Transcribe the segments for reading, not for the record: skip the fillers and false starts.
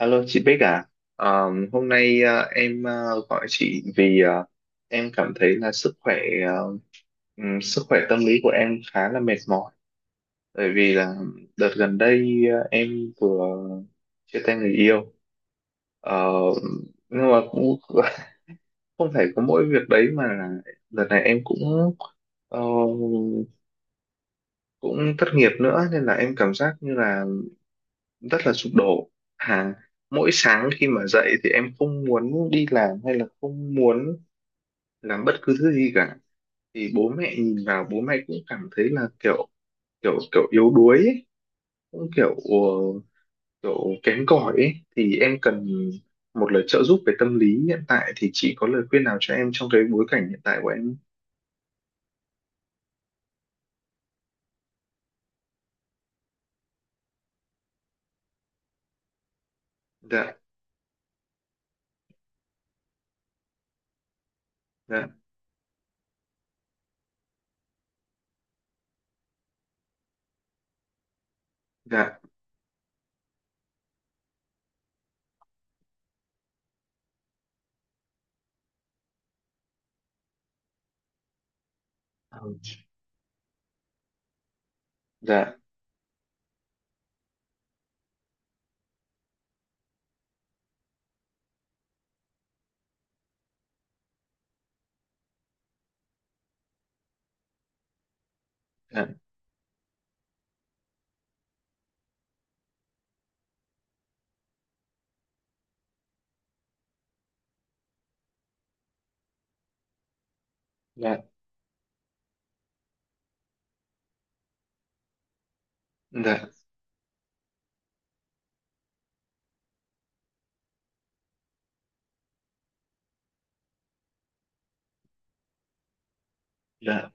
Alo chị Bích à. Hôm nay em gọi chị vì em cảm thấy là ờ, sức khỏe tâm lý của em khá là mệt mỏi, bởi vì là đợt gần đây em vừa chia tay người yêu. Ờ, nhưng mà cũng không phải có mỗi việc đấy mà là đợt này em ờ, cũng thất nghiệp nữa, nên là em cảm giác như là rất là sụp đổ. À, mỗi sáng khi mà dậy thì em không muốn đi làm hay là không muốn làm bất cứ thứ gì cả. Thì bố mẹ nhìn vào, bố mẹ cũng cảm thấy là kiểu kiểu kiểu yếu đuối ấy, cũng kiểu kém cỏi ấy. Thì em cần một lời trợ giúp về tâm lý hiện tại, thì chị có lời khuyên nào cho em trong cái bối cảnh hiện tại của em? Dạ. Dạ. Dạ. Ừ. Dạ. Dạ. Dạ. Dạ. Dạ.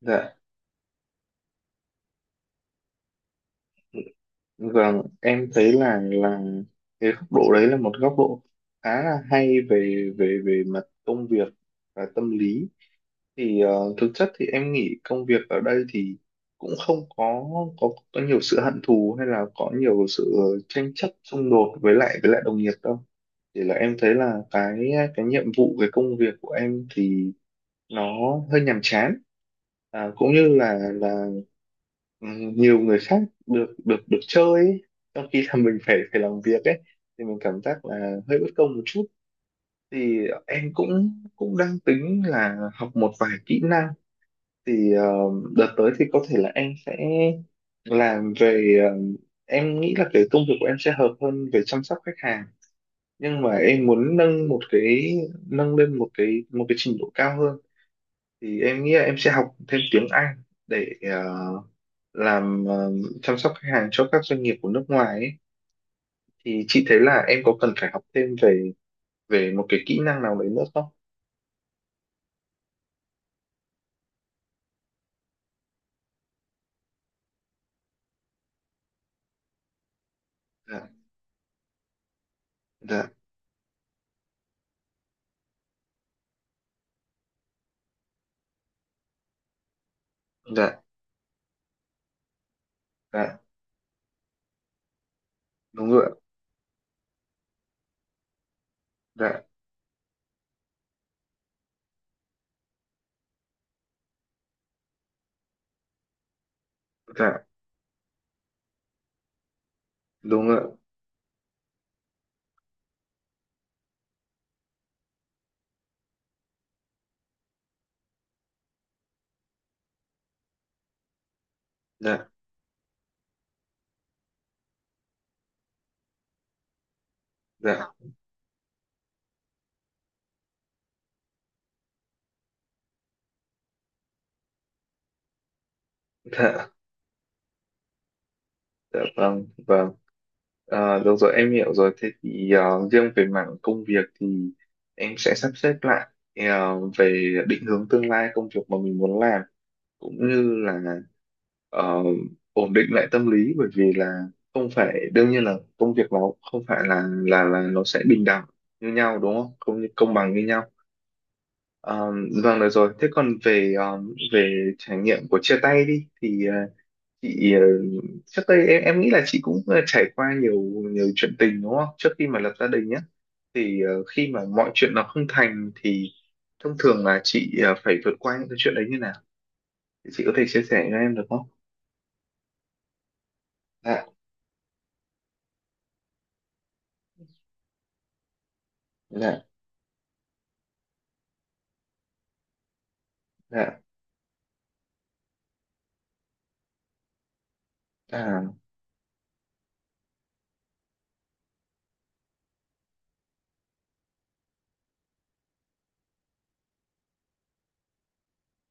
Dạ. Vâng, em thấy là cái góc độ đấy là một góc độ khá là hay về về về mặt công việc và tâm lý. Thì thực chất thì em nghĩ công việc ở đây thì cũng không có nhiều sự hận thù hay là có nhiều sự tranh chấp xung đột với lại đồng nghiệp đâu. Chỉ là em thấy là cái nhiệm vụ, cái công việc của em thì nó hơi nhàm chán, à, cũng như là ừ, nhiều người khác được được được chơi ấy, trong khi là mình phải phải làm việc ấy, thì mình cảm giác là hơi bất công một chút. Thì em cũng cũng đang tính là học một vài kỹ năng, thì đợt tới thì có thể là em sẽ làm về ờ, em nghĩ là cái công việc của em sẽ hợp hơn về chăm sóc khách hàng. Nhưng mà em muốn nâng lên một cái trình độ cao hơn. Thì em nghĩ là em sẽ học thêm tiếng Anh để làm chăm sóc khách hàng cho các doanh nghiệp của nước ngoài ấy. Thì chị thấy là em có cần phải học thêm về về một cái kỹ năng nào đấy nữa không? Dạ. Dạ. Dạ. Dạ. Đúng rồi, ạ. Dạ. Dạ. Đúng rồi, ạ. Dạ. Dạ. Dạ. Dạ. Vâng, vâng. Được rồi, em hiểu rồi. Thế thì riêng về mảng công việc thì em sẽ sắp xếp lại về định hướng tương lai công việc mà mình muốn làm, cũng như là ờ, ổn định lại tâm lý. Bởi vì là không phải đương nhiên là công việc nó, không phải là nó sẽ bình đẳng như nhau, đúng không? Công bằng như nhau. Ờ, vâng, được rồi. Thế còn về về trải nghiệm của chia tay đi, thì chị ờ, trước đây em nghĩ là chị cũng trải qua nhiều nhiều chuyện tình, đúng không, trước khi mà lập gia đình nhé. Thì khi mà mọi chuyện nó không thành thì thông thường là chị phải vượt qua những cái chuyện đấy như nào, thì chị có thể chia sẻ cho em được không? Dạ. Dạ. Dạ. À.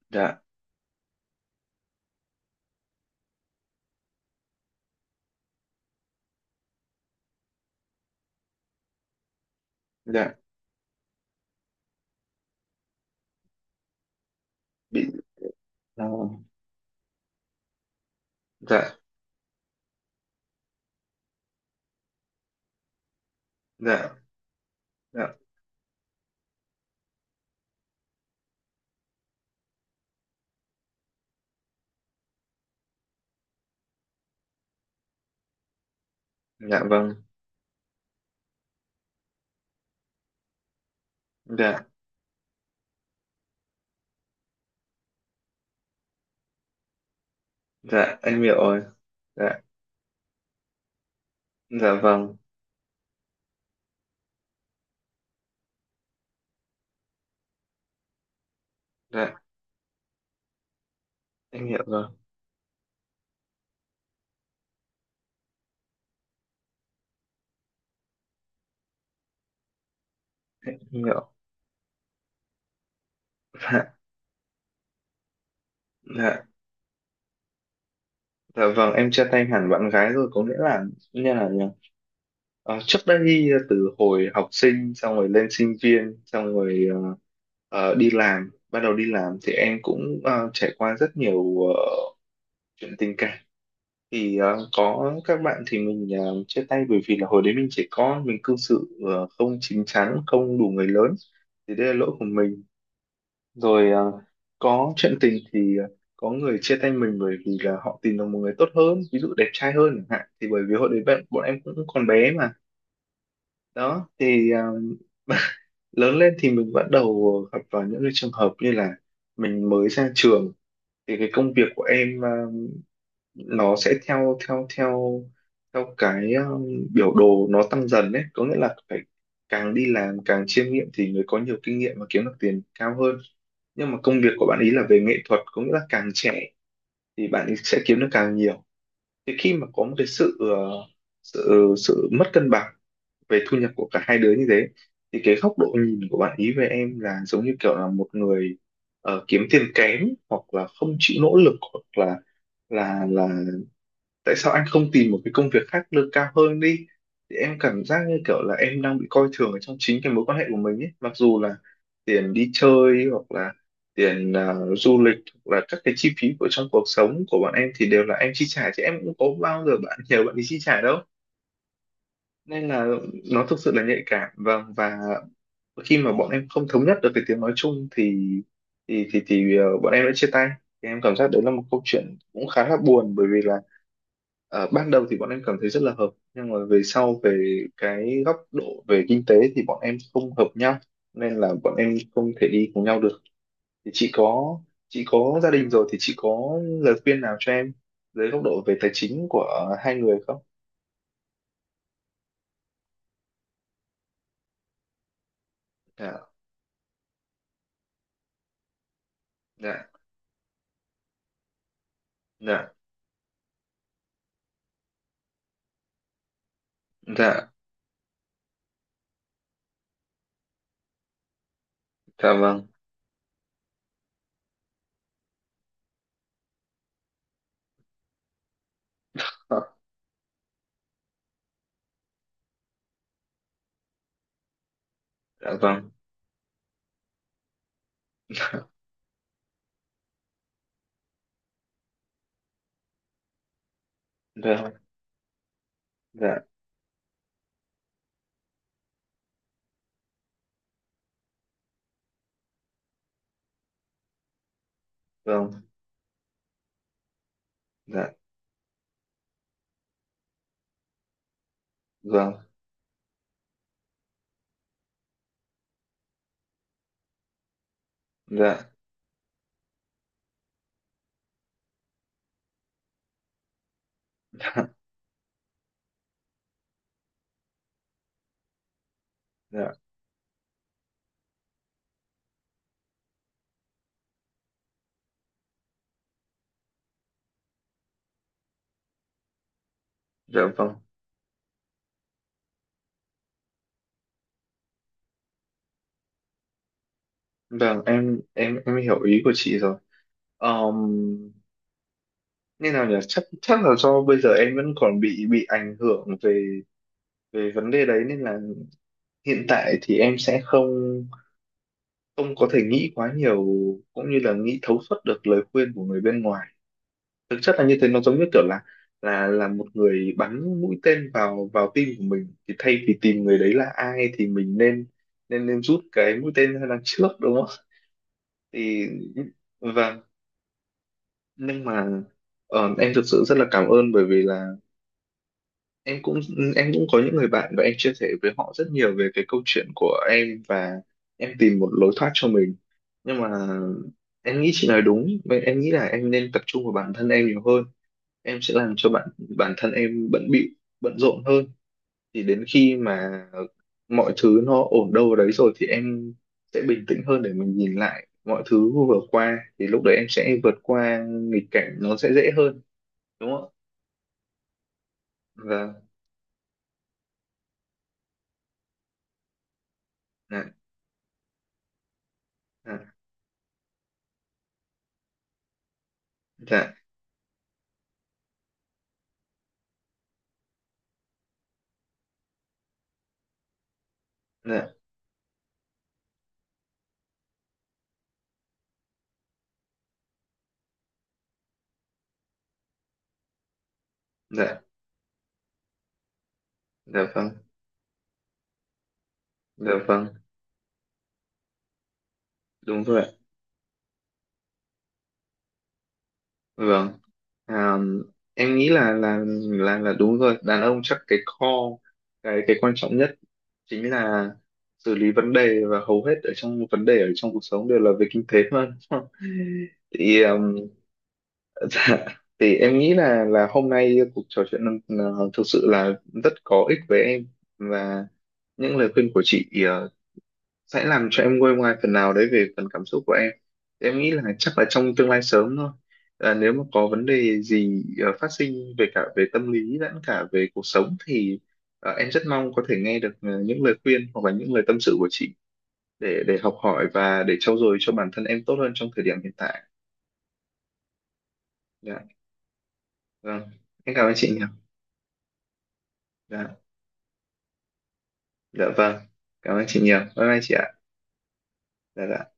Dạ. Dạ. Bị. À. Dạ. Dạ. Dạ. Dạ. Vâng. Dạ. Dạ. Em hiểu rồi. Dạ. Dạ. Vâng. Dạ. Em hiểu rồi. Em hiểu. Dạ. Dạ. Dạ. Vâng, em chia tay hẳn bạn gái rồi, có nghĩa là, như là nhỉ? Trước đây từ hồi học sinh xong rồi lên sinh viên xong rồi đi làm bắt đầu đi làm, thì em cũng trải qua rất nhiều chuyện tình cảm. Thì có các bạn thì mình chia tay bởi vì là hồi đấy mình trẻ con, mình cư xử không chín chắn, không đủ người lớn, thì đây là lỗi của mình. Rồi có chuyện tình thì có người chia tay mình bởi vì là họ tìm được một người tốt hơn, ví dụ đẹp trai hơn chẳng hạn, thì bởi vì hồi đấy bạn bọn em cũng còn bé mà. Đó thì lớn lên thì mình bắt đầu gặp vào những cái trường hợp như là mình mới ra trường, thì cái công việc của em nó sẽ theo theo theo theo cái biểu đồ nó tăng dần đấy, có nghĩa là phải càng đi làm càng chiêm nghiệm thì người có nhiều kinh nghiệm và kiếm được tiền cao hơn. Nhưng mà công việc của bạn ý là về nghệ thuật, có nghĩa là càng trẻ thì bạn ý sẽ kiếm được càng nhiều. Thì khi mà có một cái sự ờ, sự sự mất cân bằng về thu nhập của cả hai đứa như thế, thì cái góc độ nhìn của bạn ý về em là giống như kiểu là một người kiếm tiền kém, hoặc là không chịu nỗ lực, hoặc là tại sao anh không tìm một cái công việc khác lương cao hơn đi. Thì em cảm giác như kiểu là em đang bị coi thường ở trong chính cái mối quan hệ của mình ấy, mặc dù là tiền đi chơi, hoặc là tiền, à, du lịch, hoặc là các cái chi phí của trong cuộc sống của bọn em thì đều là em chi trả, chứ em cũng có bao giờ bạn nhờ bạn đi chi trả đâu. Nên là nó thực sự là nhạy cảm, vâng. Và khi mà bọn em không thống nhất được cái tiếng nói chung thì thì bọn em đã chia tay. Thì em cảm giác đấy là một câu chuyện cũng khá là buồn, bởi vì là ban đầu thì bọn em cảm thấy rất là hợp, nhưng mà về sau về cái góc độ về kinh tế thì bọn em không hợp nhau, nên là bọn em không thể đi cùng nhau được. Thì chị có gia đình rồi thì chị có lời khuyên nào cho em dưới góc độ về tài chính của hai người không? Dạ. Dạ. Dạ. Dạ. Dạ. Vâng. Dạ. Vâng. Dạ. Dạ. Vâng. Dạ. Vâng. Dạ. Dạ. Dạ. Vâng. Vâng, em hiểu ý của chị rồi. um, như nào nhỉ, chắc chắc là do bây giờ em vẫn còn bị ảnh hưởng về về vấn đề đấy, nên là hiện tại thì em sẽ không không có thể nghĩ quá nhiều, cũng như là nghĩ thấu suốt được lời khuyên của người bên ngoài. Thực chất là như thế, nó giống như kiểu là một người bắn mũi tên vào vào tim của mình, thì thay vì tìm người đấy là ai thì mình nên nên nên rút cái mũi tên ra đằng trước, đúng không? Thì vâng. Nhưng mà em thực sự rất là cảm ơn, bởi vì là em cũng em cũng có những người bạn và em chia sẻ với họ rất nhiều về cái câu chuyện của em, và em tìm một lối thoát cho mình. Nhưng mà em nghĩ chị nói đúng vậy, em nghĩ là em nên tập trung vào bản thân em nhiều hơn. Em sẽ làm cho bản thân em bận bịu, bận rộn hơn. Thì đến khi mà mọi thứ nó ổn đâu vào đấy rồi thì em sẽ bình tĩnh hơn, để mình nhìn lại mọi thứ vừa qua, thì lúc đấy em sẽ vượt qua nghịch cảnh nó sẽ dễ hơn, đúng không ạ? Vâng. Dạ. Dạ. Dạ. Dạ. Dạ. Dạ. Vâng. Dạ. Vâng, đúng rồi, ạ. Vâng. À, em nghĩ là là đúng rồi, đàn ông chắc cái core, cái quan trọng nhất chính là xử lý vấn đề, và hầu hết ở trong vấn đề ở trong cuộc sống đều là về kinh tế mà, đúng không? Thì dạ, thì em nghĩ là hôm nay cuộc trò chuyện là thực sự là rất có ích với em, và những lời khuyên của chị sẽ làm cho em nguôi ngoai phần nào đấy về phần cảm xúc của em. Thì em nghĩ là chắc là trong tương lai sớm thôi, à, nếu mà có vấn đề gì phát sinh về cả về tâm lý lẫn cả về cuộc sống thì em rất mong có thể nghe được những lời khuyên hoặc là những lời tâm sự của chị, để học hỏi và để trau dồi cho bản thân em tốt hơn trong thời điểm hiện tại. Dạ. Vâng. Em cảm ơn chị nhiều. Dạ. Dạ. Vâng. Cảm ơn chị nhiều, bye bye chị ạ. Dạ. Dạ.